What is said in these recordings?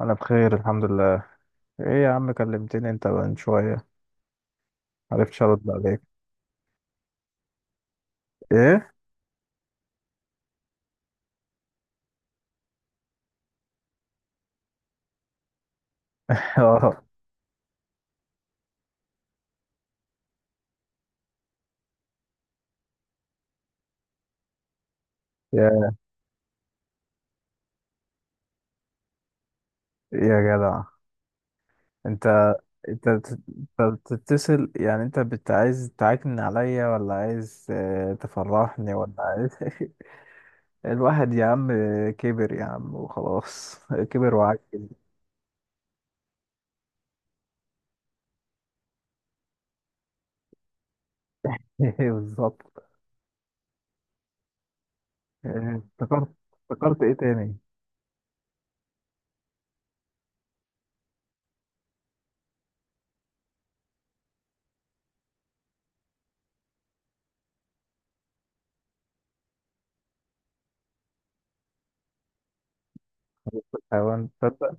انا بخير الحمد لله. ايه يا عم، كلمتني انت من شويه. معرفتش ارد عليك. ايه. اه يا يا جدع. انت انت أنت بتتصل، يعني انت بت عايز تعكن عليا ولا عايز تفرحني ولا عايز؟ الواحد يا عم، كبر يا عم وخلاص. كبر وعجل. بالظبط. آه، افتكرت افتكرت ايه تاني؟ حيوان، تصدق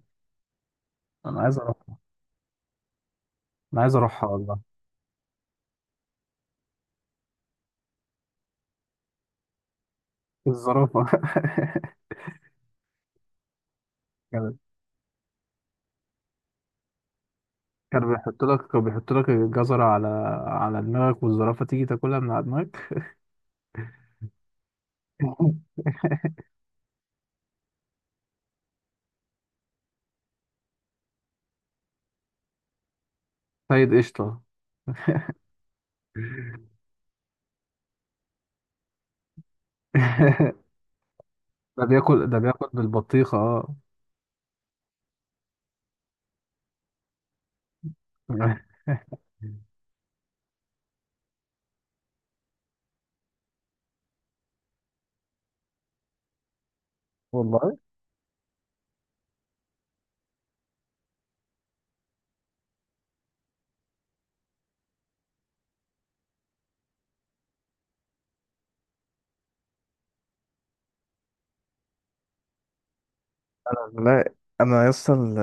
انا عايز اروح انا عايز اروحها والله. الزرافه. جدع، كان بيحط لك الجزرة على دماغك، والزرافة تيجي تاكلها من على دماغك. سيد قشطة. ده بياكل بالبطيخة، اه. والله انا الملاهي، انا يا اسطى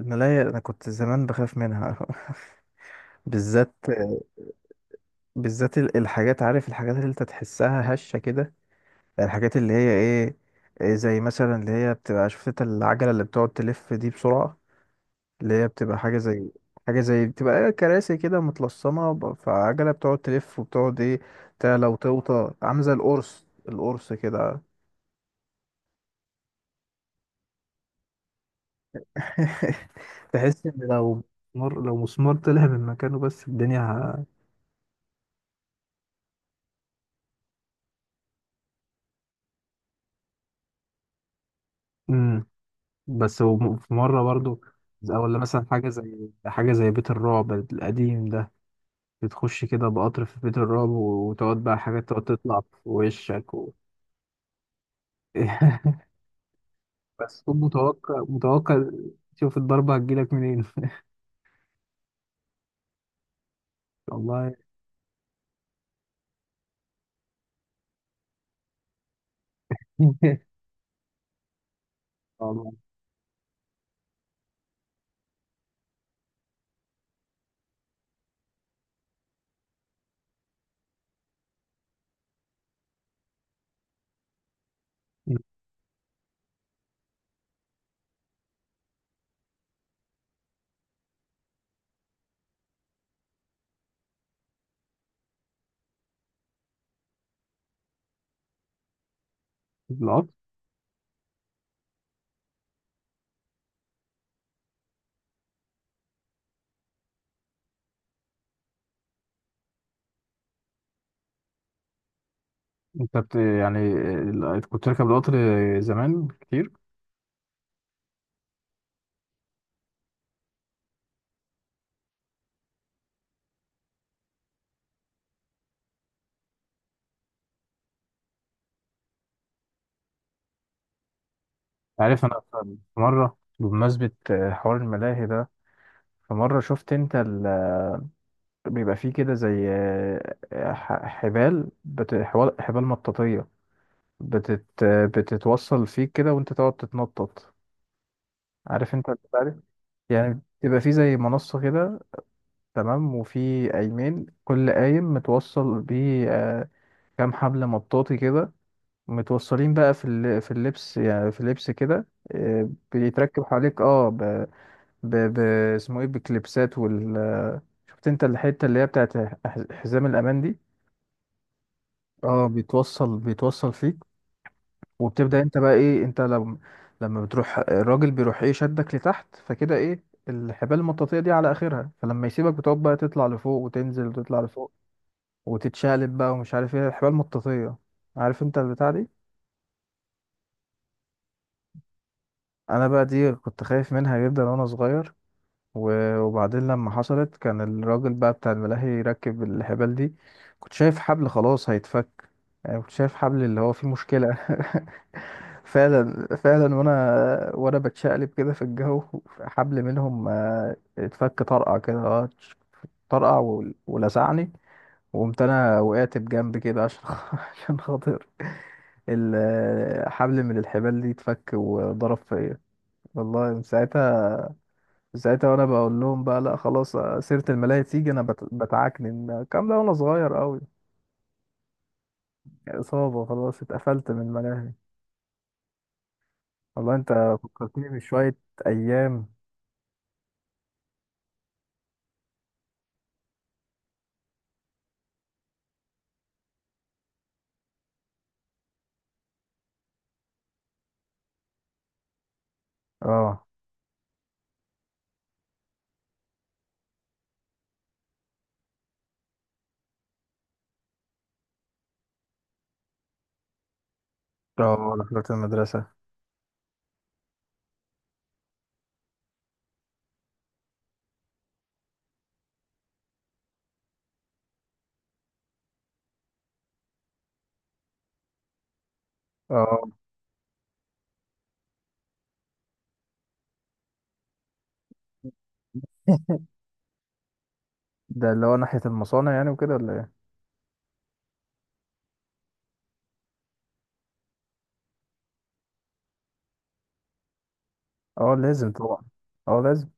الملاهي، انا كنت زمان بخاف منها. بالذات بالذات الحاجات، عارف الحاجات اللي انت تحسها هشه كده. يعني الحاجات اللي هي ايه؟ إيه، زي مثلا اللي هي بتبقى، شفت انت العجله اللي بتقعد تلف دي بسرعه، اللي هي بتبقى حاجة زي، حاجة زي بتبقى ايه، كراسي كده متلصمة فعجلة بتقعد تلف وبتقعد ايه، تعلى وتوطى، عاملة زي القرص القرص كده. تحس ان لو مسمار طلع من مكانه، بس الدنيا امم. بس هو في مرة برضو، أو ولا مثلا حاجة زي، حاجة زي بيت الرعب القديم ده، بتخش كده بقطر في بيت الرعب وتقعد بقى حاجات تقعد تطلع في وشك بس تكون متوقع، متوقع شوف الضربة هتجيلك منين، والله. والله القطر، انت يعني كنت راكب القطر زمان كتير. عارف انا في مره، بمناسبه حوار الملاهي ده، في مره شفت انت بيبقى فيه كده زي حبال، حبال مطاطيه، بتتوصل فيك كده، وانت تقعد تتنطط. عارف انت البتاع دي؟ يعني بيبقى فيه زي منصه كده، تمام، وفي قايمين، كل قايم متوصل بيه كام حبل مطاطي كده، متوصلين بقى في اللبس، يعني في اللبس كده، بيتركب حواليك، اه، ب... ب... اسمه ايه، بكليبسات، وال شفت انت الحتة اللي هي بتاعت حزام الأمان دي. اه، بيتوصل فيك، وبتبدأ انت بقى ايه، انت لما بتروح، الراجل بيروح ايه، شدك لتحت، فكده ايه، الحبال المطاطية دي على آخرها، فلما يسيبك بتقعد بقى تطلع لفوق وتنزل وتطلع لفوق وتتشقلب بقى، ومش عارف ايه الحبال المطاطية. عارف انت البتاع دي؟ انا بقى دي كنت خايف منها جدا وانا صغير، وبعدين لما حصلت كان الراجل بقى بتاع الملاهي يركب الحبال دي، كنت شايف حبل خلاص هيتفك، يعني كنت شايف حبل اللي هو فيه مشكلة. فعلا فعلا، وانا بتشقلب كده في الجو، حبل منهم اتفك طرقع كده، طرقع ولسعني، وقمت انا وقعت بجنب كده عشان عشان خاطر الحبل، من الحبال دي اتفك وضرب فيا. والله من ساعتها وانا بقول لهم بقى، لا خلاص سيرة الملاهي تيجي انا بتعكنن الكلام ده وانا صغير قوي، اصابة خلاص، اتقفلت من الملاهي. والله انت فكرتني بشوية ايام. اه اه، رحلات المدرسة. اه، ده اللي هو ناحية المصانع يعني وكده ولا ايه؟ اه لازم طبعا. اه لازم،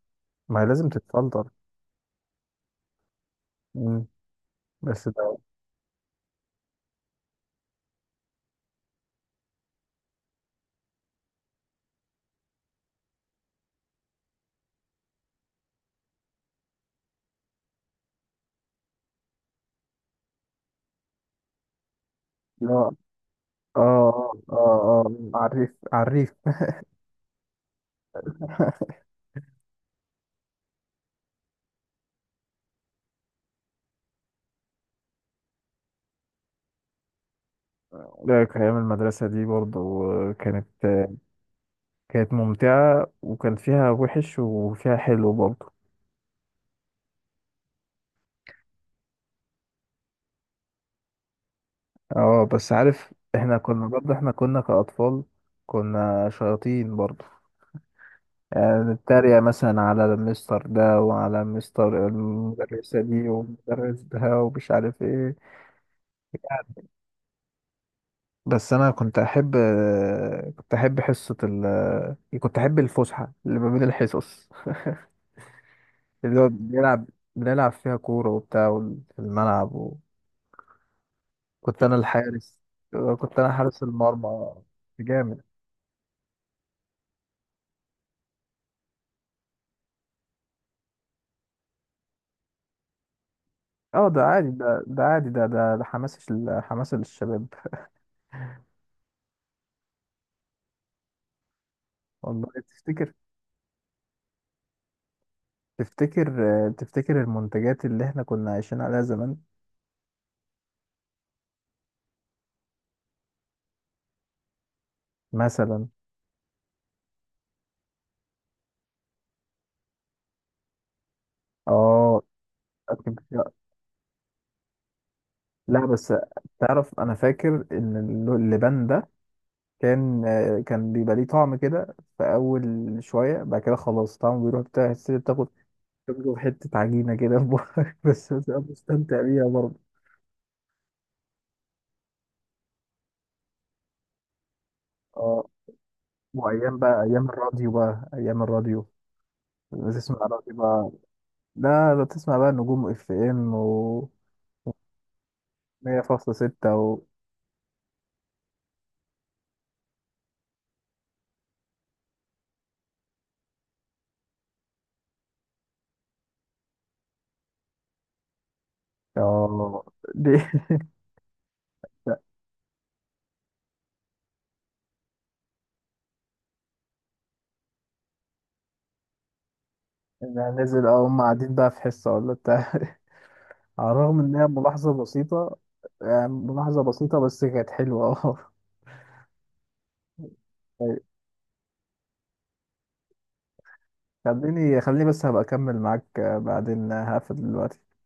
ما هي لازم تتفلتر. مم. بس ده لا، اه اه اه اه، عريف عريف. لا، أيام المدرسة دي برضو كانت كانت ممتعة، وكان فيها وحش وفيها حلو برضه. اه بس عارف، احنا كنا برضه، احنا كنا كأطفال كنا شياطين برضه، يعني نتريق مثلا على المستر ده وعلى مستر المدرسة دي والمدرس ده ومش عارف ايه. بس انا كنت احب حصة ال كنت احب الفسحة اللي ما بين الحصص، اللي هو بنلعب فيها كورة وبتاع، في الملعب. كنت انا الحارس كنت انا حارس المرمى. جامد. اه، ده عادي، ده عادي، ده حماس حماس للشباب. والله تفتكر تفتكر المنتجات اللي احنا كنا عايشين عليها زمان؟ مثلا، اه أكيد. لا بس تعرف، انا فاكر ان اللبان ده كان بيبقى ليه طعم كده في اول شويه، بعد كده خلاص طعمه بيروح بتاع، تاخد تاخده حته عجينه كده في بقك. بس بتبقى مستمتع بيها برضه. اه، وايام بقى ايام الراديو، بقى ايام الراديو، بتسمع راديو بقى. لا لا، بتسمع بقى نجوم FM و 100.6، و اه دي. أنا نزل، هم قاعدين بقى في حصة ولا بتاع. على الرغم ان هي ملاحظة بسيطة، يعني ملاحظة بسيطة بس كانت حلوة. اه طيب، خليني خليني، بس هبقى اكمل معاك بعدين، هقفل دلوقتي.